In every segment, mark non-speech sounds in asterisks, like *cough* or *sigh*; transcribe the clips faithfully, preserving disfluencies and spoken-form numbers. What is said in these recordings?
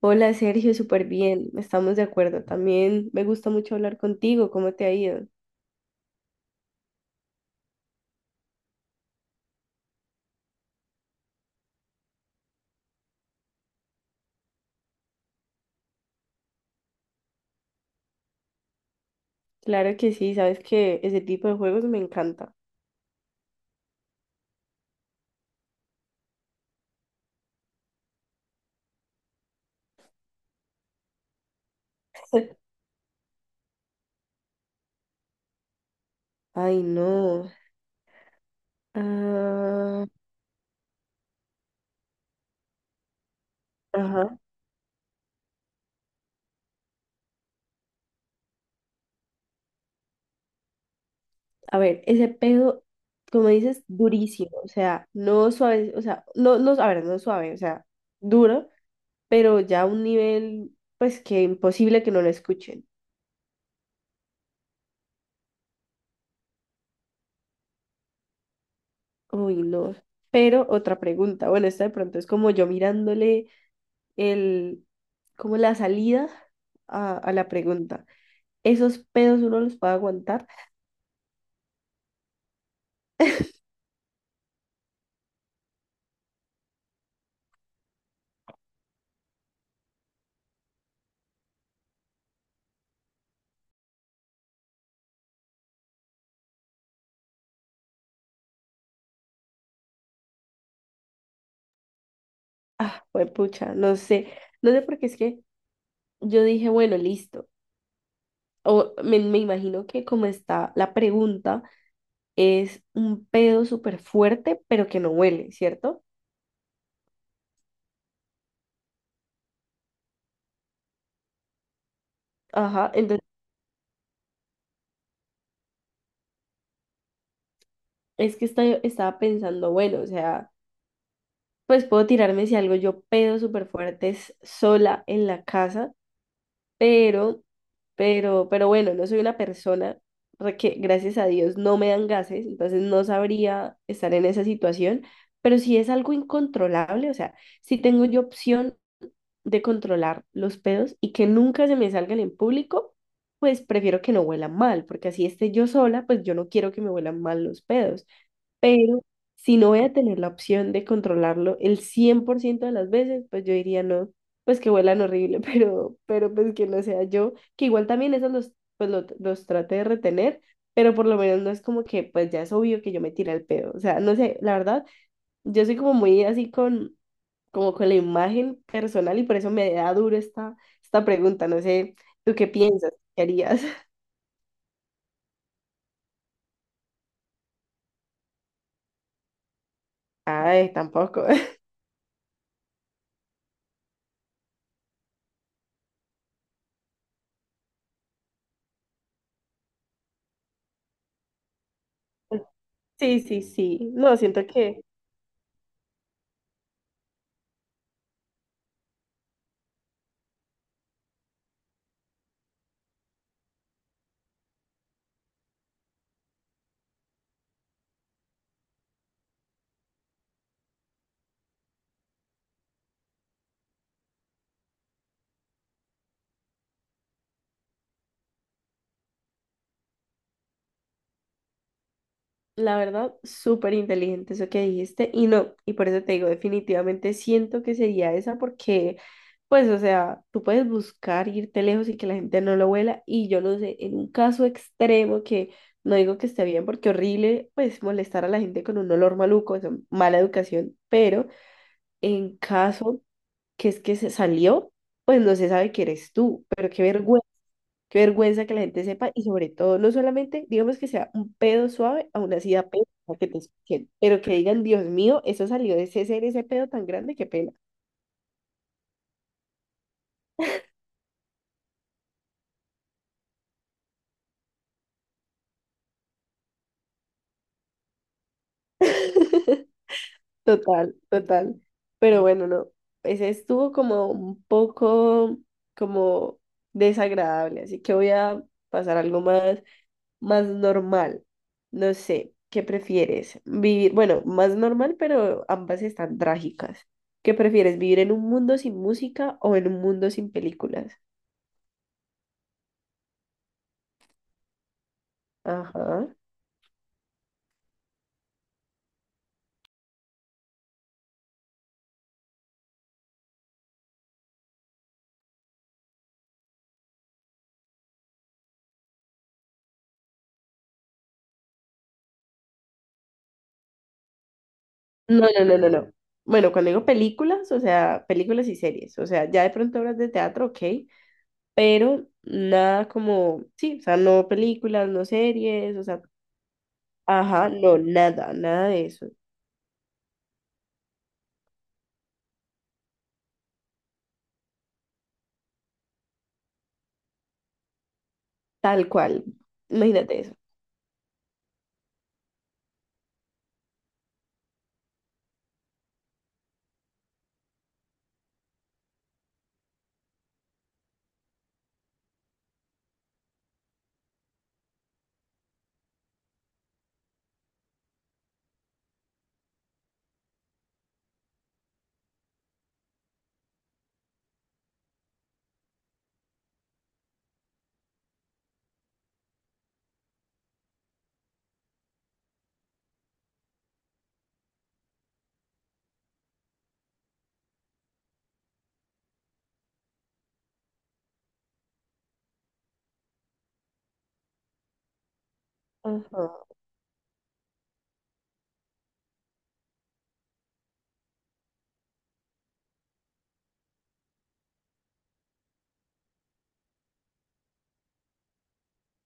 Hola Sergio, súper bien, estamos de acuerdo. También me gusta mucho hablar contigo, ¿cómo te ha ido? Claro que sí, sabes que ese tipo de juegos me encanta. Ay, no. Ah, ajá. A ver, ese pedo, como dices, durísimo, o sea, no suave, o sea, no, no, a ver, no suave, o sea, duro, pero ya a un nivel, pues que imposible que no lo escuchen. Uy, no. Pero otra pregunta, bueno, esta de pronto es como yo mirándole. El, como la salida a, a la pregunta. Esos pedos uno los puede aguantar. Ah, pues pucha, no sé. No sé porque es que yo dije, bueno, listo. O me, me imagino que como está la pregunta, es un pedo súper fuerte, pero que no huele, ¿cierto? Ajá, entonces es que estoy, estaba pensando, bueno, o sea, pues puedo tirarme si algo yo pedo súper fuerte es sola en la casa pero, pero, pero bueno, no soy una persona re- que gracias a Dios no me dan gases, entonces no sabría estar en esa situación, pero si es algo incontrolable, o sea, si tengo yo opción de controlar los pedos y que nunca se me salgan en público, pues prefiero que no huelan mal, porque así esté yo sola, pues yo no quiero que me huelan mal los pedos. Pero si no voy a tener la opción de controlarlo el cien por ciento de las veces, pues yo diría no, pues que huelan horrible, *laughs* pero, pero pues que no sea yo, que igual también esos los, pues lo- los, trate de retener, pero por lo menos no es como que pues ya es obvio que yo me tire el pedo, o sea, no sé, la verdad, yo soy como muy así con, como con la imagen personal y por eso me da duro esta, esta pregunta, no sé, ¿tú qué piensas? ¿Qué harías? *laughs* Ay, tampoco. *laughs* Sí, sí, sí, no, siento que... La verdad, súper inteligente eso que dijiste y no, y por eso te digo, definitivamente siento que sería esa porque, pues, o sea, tú puedes buscar irte lejos y que la gente no lo huela y yo no sé, en un caso extremo que no digo que esté bien porque horrible, pues, molestar a la gente con un olor maluco, eso, mala educación, pero en caso que es que se salió, pues no se sabe que eres tú, pero qué vergüenza. Qué vergüenza que la gente sepa y sobre todo, no solamente, digamos que sea un pedo suave, aún así da pena que te escuchen, pero que digan, Dios mío, eso salió de ese ser, ese pedo tan grande, qué pena. *laughs* Total, total. Pero bueno, no, ese estuvo como un poco como desagradable, así que voy a pasar algo más, más normal. No sé, ¿qué prefieres? Vivir, bueno, más normal, pero ambas están trágicas. ¿Qué prefieres? ¿Vivir en un mundo sin música o en un mundo sin películas? Ajá. No, no, no, no, no. Bueno, cuando digo películas, o sea, películas y series, o sea, ya de pronto obras de teatro, ok, pero nada como, sí, o sea, no películas, no series, o sea, ajá, no, nada, nada de eso, tal cual, imagínate eso. Ajá.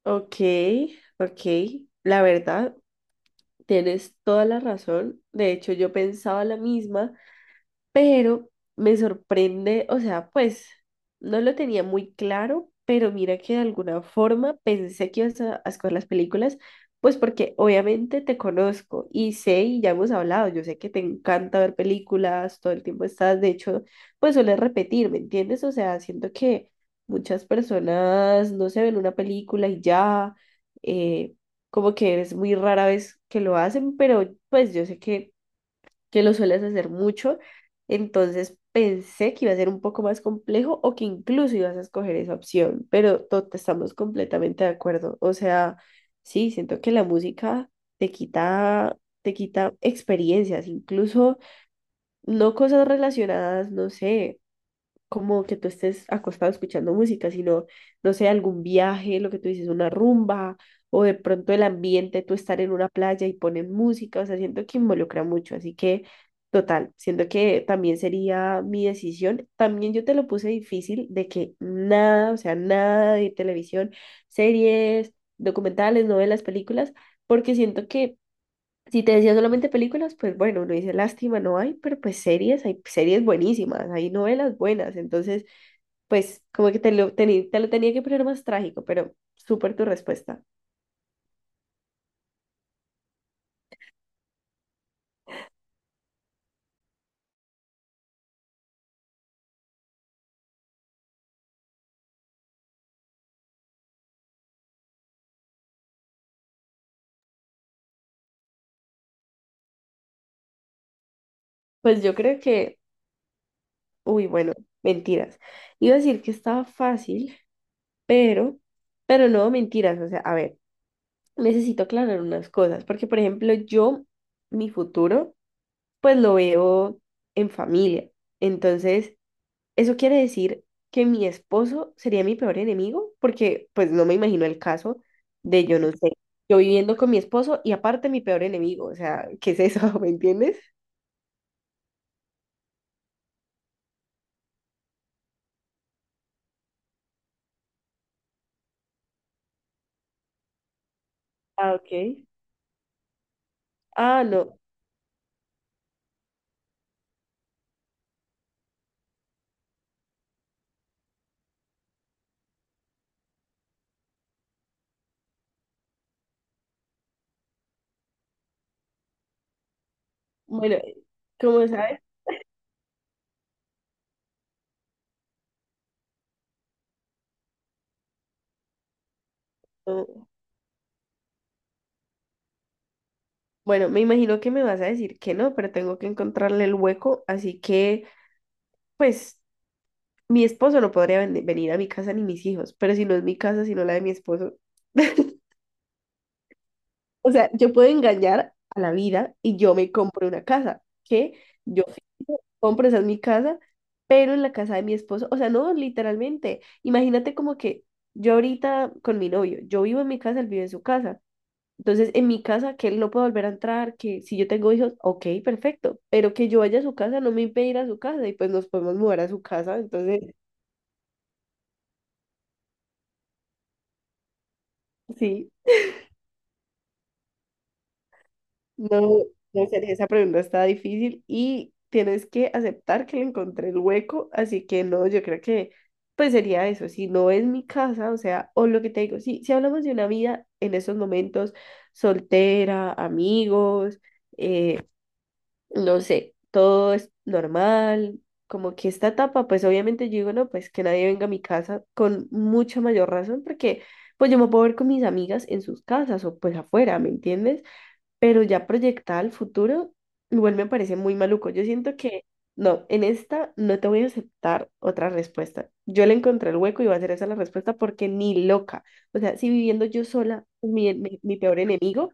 Ok, ok, la verdad, tienes toda la razón. De hecho, yo pensaba la misma pero me sorprende, o sea, pues no lo tenía muy claro, pero mira que de alguna forma pensé que ibas a, a escoger las películas, pues porque obviamente te conozco y sé y ya hemos hablado, yo sé que te encanta ver películas, todo el tiempo estás, de hecho, pues sueles repetir, ¿me entiendes? O sea, siento que muchas personas no se ven una película y ya, eh, como que es muy rara vez que lo hacen, pero pues yo sé que que lo sueles hacer mucho, entonces pensé que iba a ser un poco más complejo o que incluso ibas a escoger esa opción, pero to- estamos completamente de acuerdo. O sea, sí, siento que la música te quita, te quita experiencias, incluso no cosas relacionadas, no sé como que tú estés acostado escuchando música, sino, no sé, algún viaje, lo que tú dices, una rumba, o de pronto el ambiente, tú estar en una playa y ponen música, o sea, siento que involucra mucho, así que, total, siento que también sería mi decisión. También yo te lo puse difícil de que nada, o sea, nada de televisión, series, documentales, novelas, películas, porque siento que... Si te decía solamente películas, pues bueno, uno dice lástima, no hay, pero pues series, hay series buenísimas, hay novelas buenas, entonces pues como que te lo, teni- te lo tenía que poner más trágico, pero súper tu respuesta. Pues yo creo que, uy, bueno, mentiras. Iba a decir que estaba fácil, pero, pero no, mentiras. O sea, a ver, necesito aclarar unas cosas, porque por ejemplo, yo, mi futuro, pues lo veo en familia. Entonces, eso quiere decir que mi esposo sería mi peor enemigo, porque pues no me imagino el caso de yo no sé, yo viviendo con mi esposo y aparte mi peor enemigo, o sea, ¿qué es eso? *laughs* ¿Me entiendes? Ah, ok. Ah, no. Bueno, como sabes? No. Bueno, me imagino que me vas a decir que no, pero tengo que encontrarle el hueco, así que pues mi esposo no podría ven- venir a mi casa ni mis hijos, pero si no es mi casa, sino la de mi esposo. *laughs* O sea, yo puedo engañar a la vida y yo me compro una casa, que yo finjo, compro, esa es mi casa, pero en la casa de mi esposo, o sea, no, literalmente, imagínate como que yo ahorita con mi novio, yo vivo en mi casa, él vive en su casa, entonces en mi casa que él no puede volver a entrar, que si yo tengo hijos, ok, perfecto, pero que yo vaya a su casa no me impide ir a su casa y pues nos podemos mudar a su casa, entonces, sí. No, no sería. Esa pregunta está difícil y tienes que aceptar que le encontré el hueco, así que no, yo creo que pues sería eso, si no es mi casa, o sea, o lo que te digo, si, si hablamos de una vida en esos momentos, soltera, amigos, eh, no sé, todo es normal, como que esta etapa, pues obviamente yo digo, no, pues que nadie venga a mi casa con mucha mayor razón, porque pues yo me puedo ver con mis amigas en sus casas o pues afuera, ¿me entiendes? Pero ya proyectada al futuro, igual me parece muy maluco. Yo siento que no, en esta no te voy a aceptar otra respuesta. Yo le encontré el hueco y va a ser esa la respuesta porque ni loca. O sea, si viviendo yo sola, mi, mi, mi peor enemigo,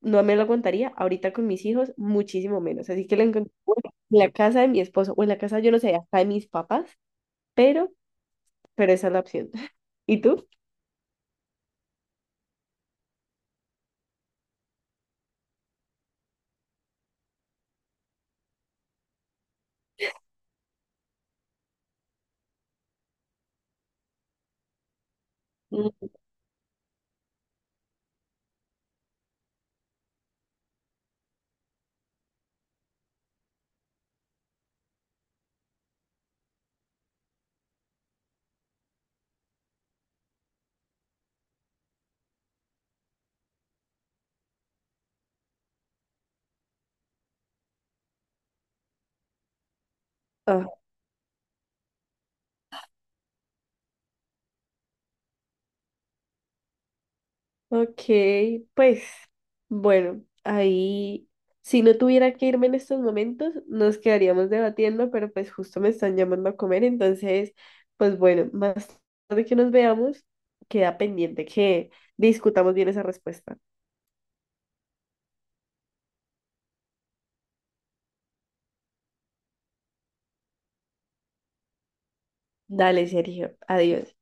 no me lo aguantaría ahorita con mis hijos, muchísimo menos. Así que le encontré el hueco en la casa de mi esposo o en la casa, yo no sé, hasta de mis papás, pero, pero esa es la opción. *laughs* ¿Y tú? Mm, ok, pues bueno, ahí si no tuviera que irme en estos momentos, nos quedaríamos debatiendo, pero pues justo me están llamando a comer, entonces, pues bueno, más tarde que nos veamos, queda pendiente que discutamos bien esa respuesta. Dale, Sergio, adiós.